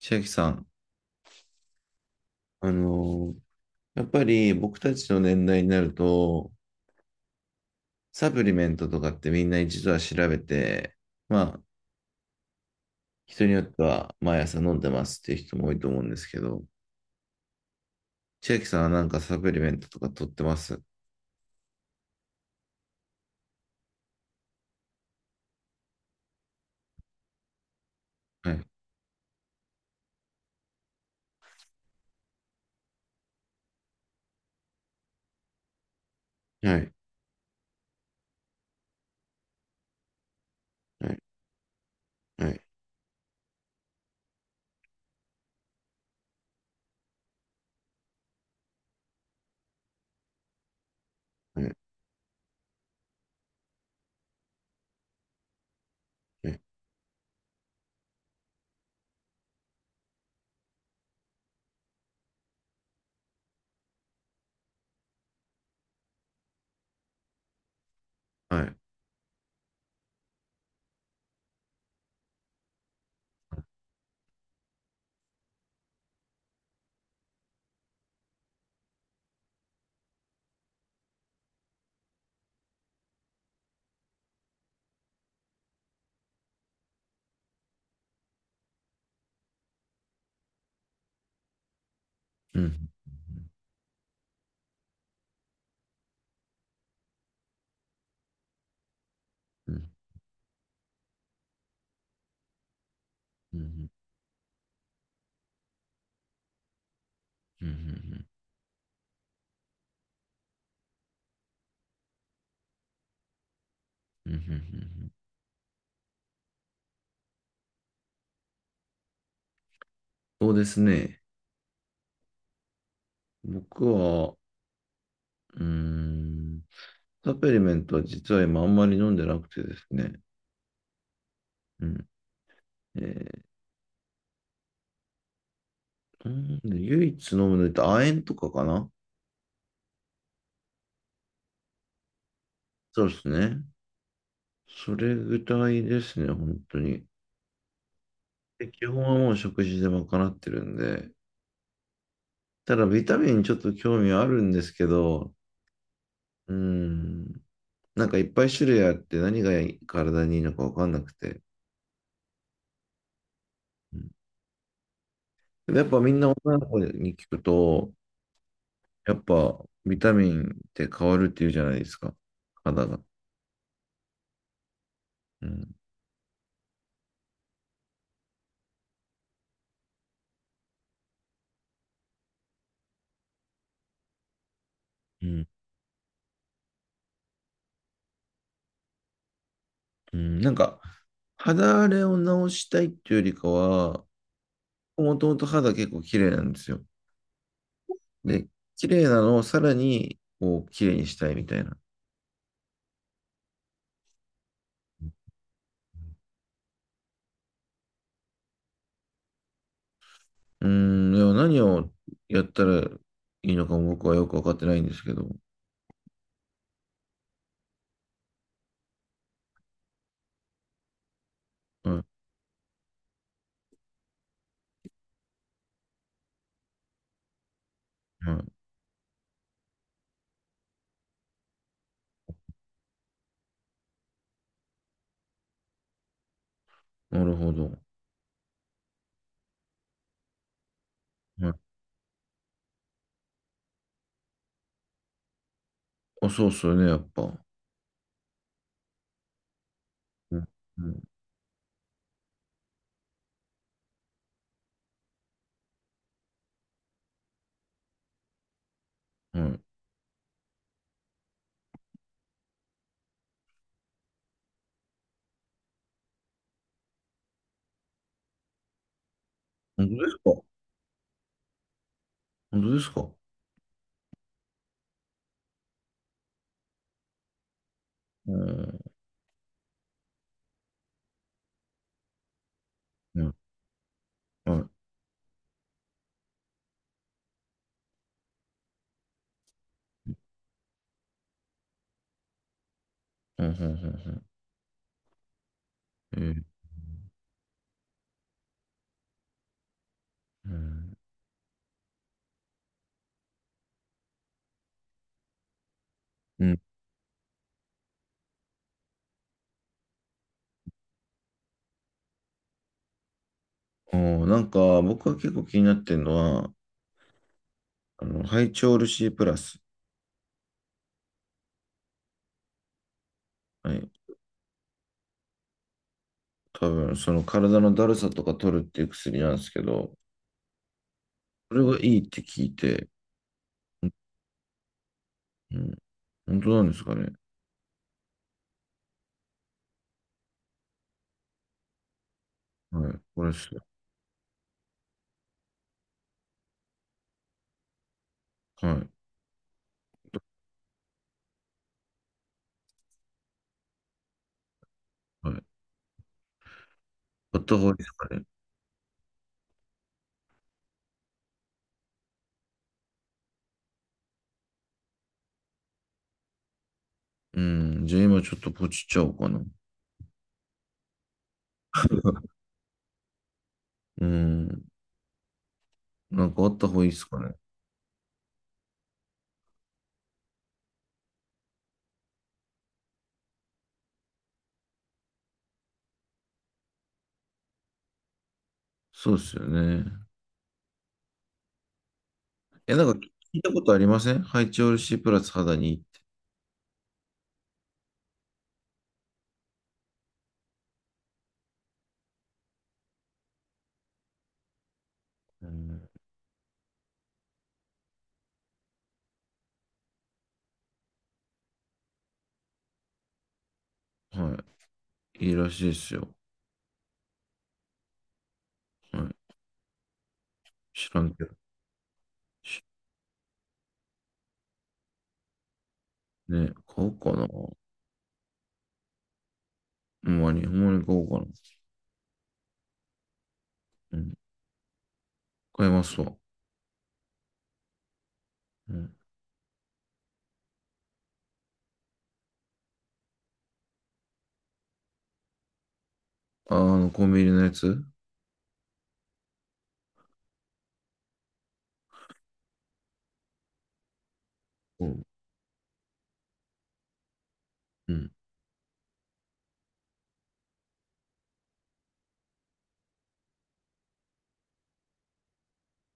千秋さん、あのーやっぱり僕たちの年代になると、サプリメントとかってみんな一度は調べて、まあ、人によっては毎朝飲んでますっていう人も多いと思うんですけど、千秋さんはなんかサプリメントとか取ってます？はい。はい。はい。はい。はい。はい。はい。うん。うん。うん。うん。うん。うん。うん。そうですね。僕は、うーん、サプリメントは実は今あんまり飲んでなくてですね。うん。えー、うん。唯一飲むのって亜鉛とかかな。そうですね。それぐらいですね、本当に。で、基本はもう食事で賄ってるんで。ただ、ビタミンちょっと興味はあるんですけど、うん、なんかいっぱい種類あって何が体にいいのかわかんなくて。うん。で、やっぱみんな女の子に聞くと、やっぱビタミンって変わるっていうじゃないですか、肌が。うん、うん、うん、なんか、肌荒れを治したいっていうよりかは、もともと肌結構綺麗なんですよ。で、綺麗なのをさらに、こう、綺麗にしたいみたいな。うーん、でも何をやったらいいのかも僕はよくわかってないんですけど。はい、はい。なるほど。はい。あ、そうっすよね、やっぱ。うん、うん、はい。本当ですか？本当ですか？うん、うん、はい。うん、うん、うんうん。うん。うん。あー、なんか、僕は結構気になってるのは、ハイチョール C プラス。はい。多分、その体のだるさとか取るっていう薬なんですけど、それがいいって聞いて、うん、本当なんですかね。はい、これです。はい、はい。あった方がいいですかね。うん、じゃあ今ちょっとポチっちゃおうかな。うん、なんかあった方がいいですかね。そうですよね。え、なんか聞いたことありませんハイチオール C プラス肌にいいって？うん。はい、いいらしいですよ。はい、知らんけど。しね、買おうかな。ほんまに、ほんまに買おうかな。うん、買いますわ。うん。コンビニのやつ？うん、うん、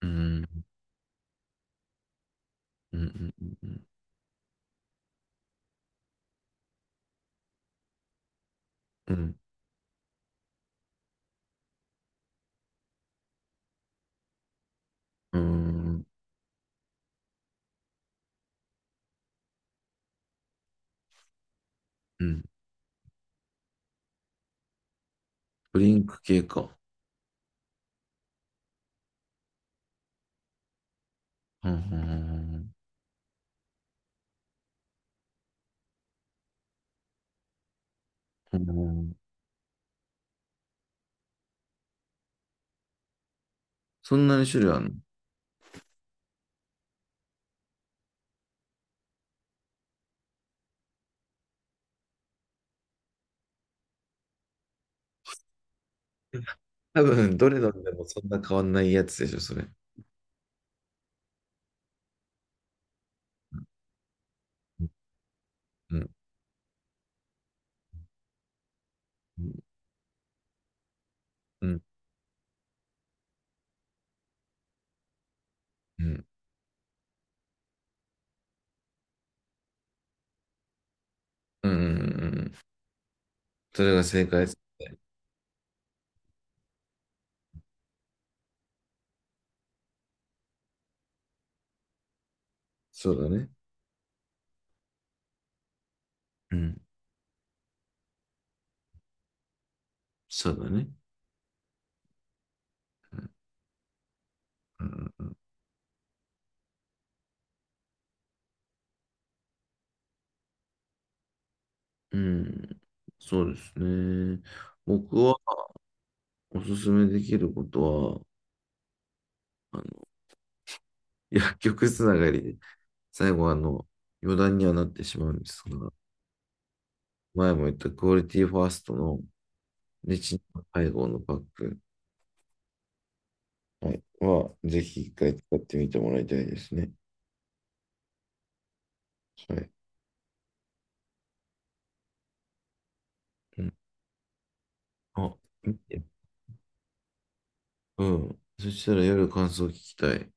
うん、うん、うん、うん、うん、ドリンク系か。うん、うん。そんなに種類あるの？多分、どれ飲んでもそんな変わんないやつでしょ、それ。うん、うん、うん、うん、うん。それが正解ですね。そうだね。うん、そうだね。うん、うん、そうですね。僕はおすすめできることは、あの、薬局つながりで最後は余談にはなってしまうんですが、前も言ったクオリティファーストのレチン配合のパック、はい、ぜひ一回使ってみてもらいたいですね。はい。うん、あ、うん。そしたら夜感想聞きたい。